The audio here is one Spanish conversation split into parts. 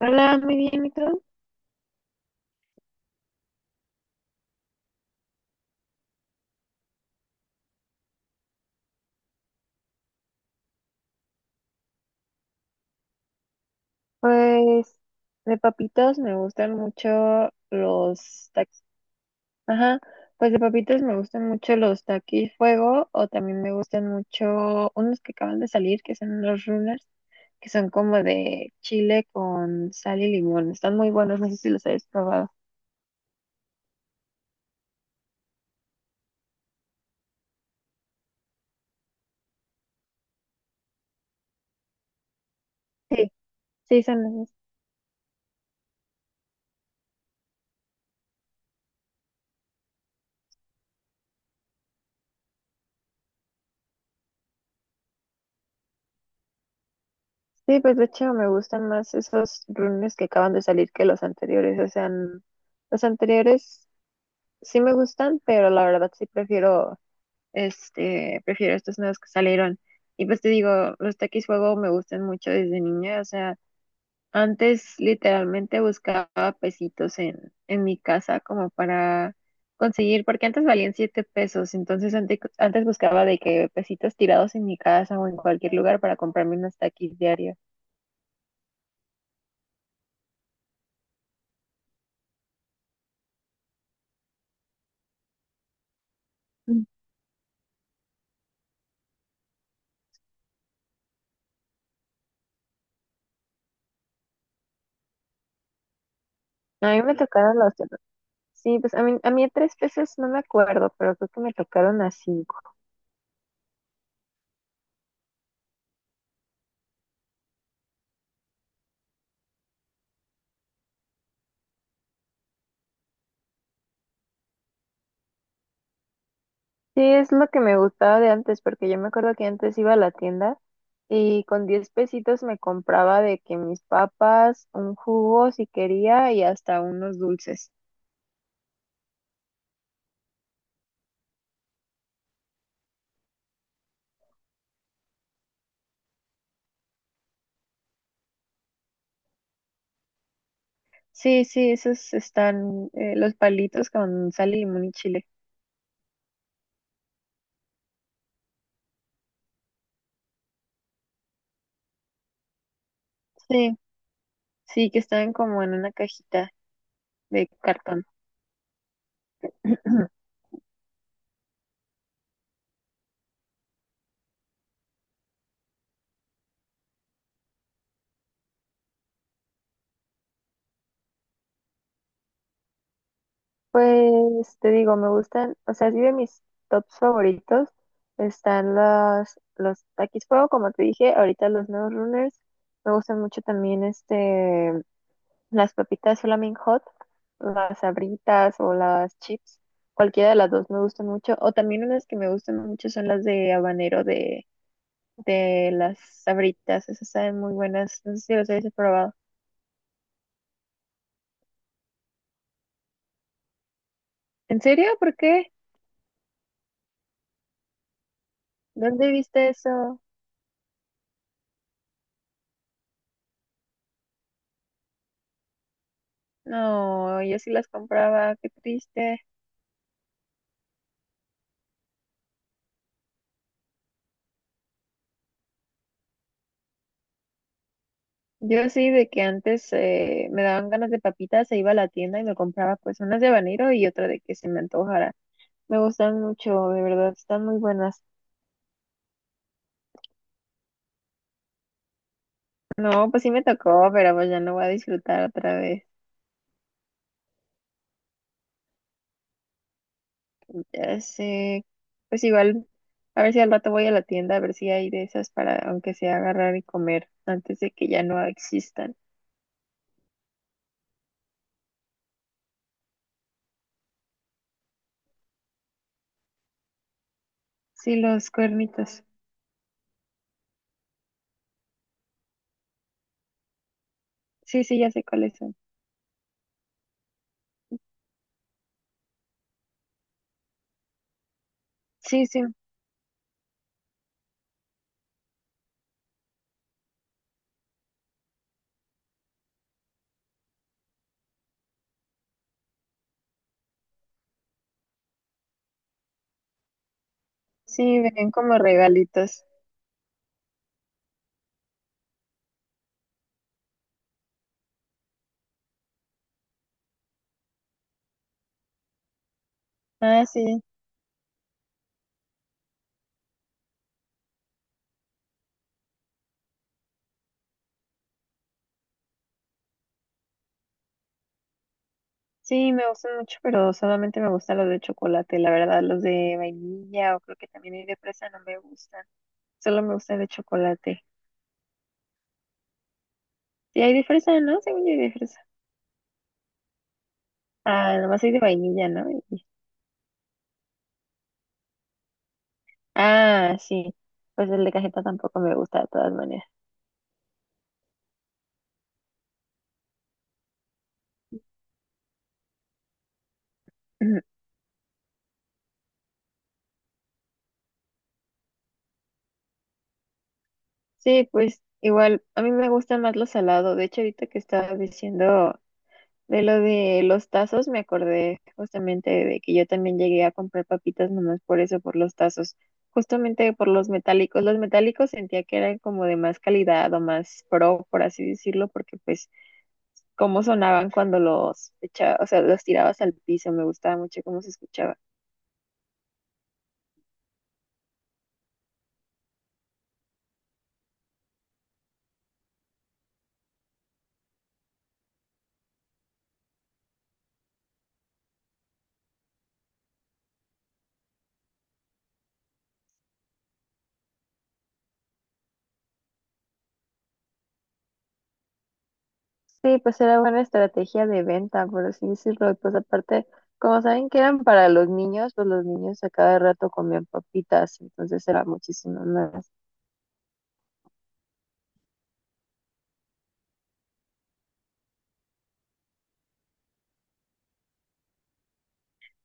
Hola, muy bien, ¿y tú? Pues de papitos me gustan mucho los taquis. Ajá, pues de papitos me gustan mucho los taquis fuego o también me gustan mucho unos que acaban de salir, que son los runners, que son como de chile con sal y limón. Están muy buenos, no sé si los habéis probado. Sí, sí, son esos. Sí, pues de hecho me gustan más esos runners que acaban de salir que los anteriores. O sea, los anteriores sí me gustan, pero la verdad sí prefiero. Este, prefiero estos nuevos que salieron. Y pues te digo, los taquis fuego me gustan mucho desde niña. O sea, antes literalmente buscaba pesitos en, mi casa como para conseguir, porque antes valían 7 pesos. Entonces antes, antes buscaba de que pesitos tirados en mi casa o en cualquier lugar para comprarme unos taquis diarios. Mm. A mí me tocaron los... Sí, pues a mí de 3 pesos no me acuerdo, pero creo que me tocaron así. Sí, es lo que me gustaba de antes, porque yo me acuerdo que antes iba a la tienda y con 10 pesitos me compraba de que mis papas, un jugo si quería y hasta unos dulces. Sí, sí, esos están los palitos con sal y limón y chile. Sí, sí, que están como en una cajita de cartón. Pues te digo, me gustan, o sea, sí de mis tops favoritos están los, Takis Fuego, como te dije, ahorita los nuevos runners. Me gustan mucho también este las papitas Flaming Hot, las sabritas o las chips, cualquiera de las dos me gustan mucho. O también unas que me gustan mucho son las de habanero de las sabritas, esas saben muy buenas, no sé si las habéis probado. ¿En serio? ¿Por qué? ¿Dónde viste eso? No, yo sí las compraba, qué triste. Yo sí de que antes me daban ganas de papitas, se iba a la tienda y me compraba pues unas de habanero y otra de que se me antojara. Me gustan mucho, de verdad, están muy buenas. No, pues sí me tocó, pero pues ya no voy a disfrutar otra vez. Ya sé, pues igual, a ver si al rato voy a la tienda, a ver si hay de esas para aunque sea agarrar y comer antes de que ya no existan. Sí, los cuernitos. Sí, sí, ya sé cuáles son. Sí, sí, sí, venían como regalitos. Ah, sí. Sí, me gustan mucho, pero solamente me gustan los de chocolate, la verdad, los de vainilla o creo que también hay de fresa, no me gustan. Solo me gustan de chocolate. Sí, hay de fresa, ¿no? Según yo hay de fresa. Ah, nomás hay de vainilla, ¿no? Y- Ah, sí. Pues el de cajeta tampoco me gusta de todas maneras. Sí, pues igual, a mí me gusta más lo salado. De hecho, ahorita que estaba diciendo de lo de los tazos me acordé justamente de que yo también llegué a comprar papitas nomás por eso, por los tazos, justamente por los metálicos. Los metálicos sentía que eran como de más calidad o más pro, por así decirlo, porque pues cómo sonaban cuando los echaba, o sea, los tirabas al piso, me gustaba mucho cómo se escuchaba. Sí, pues era buena estrategia de venta, por así decirlo. Y pues aparte, como saben que eran para los niños, pues los niños a cada rato comían papitas, entonces era muchísimo más.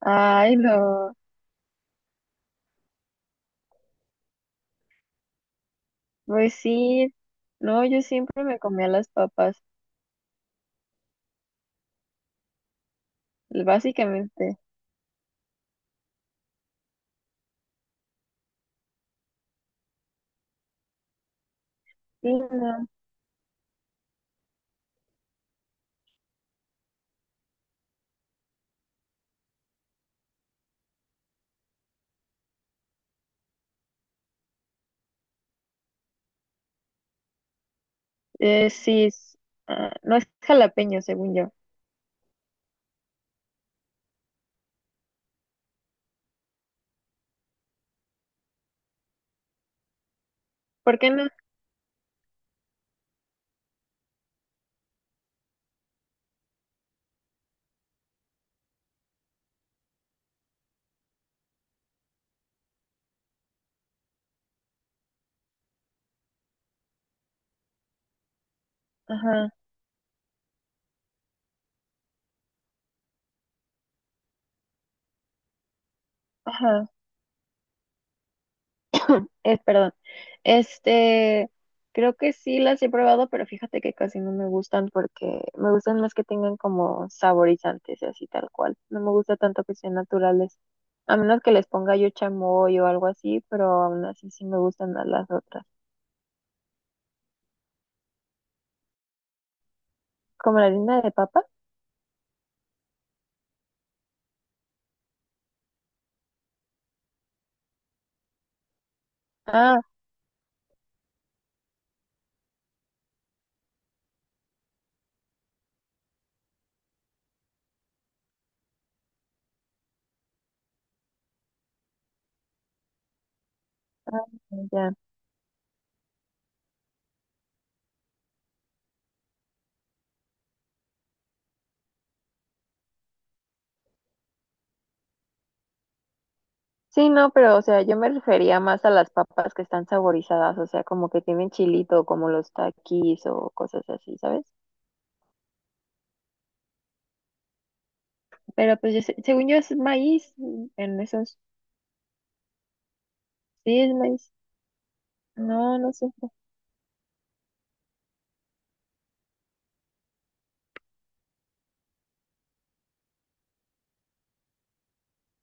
Ay, no. Pues sí, no, yo siempre me comía las papas, básicamente. Sí, no. Sí, ah, no es jalapeño, según yo. ¿Por qué no? Ajá, ajá, perdón. Este, creo que sí las he probado, pero fíjate que casi no me gustan porque me gustan más que tengan como saborizantes y así tal cual. No me gusta tanto que sean naturales, a menos que les ponga yo chamoy o algo así, pero aún así sí me gustan más las otras. ¿Como la harina de papa? Ah, Ah, ya. Sí, no, pero o sea, yo me refería más a las papas que están saborizadas, o sea, como que tienen chilito, como los taquis o cosas así, ¿sabes? Pero pues según yo es maíz en esos. Sí, es maíz. No, no sé.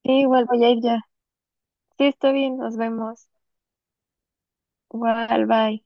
Sí, igual voy a ir ya. Sí, está bien, nos vemos. Igual, bye.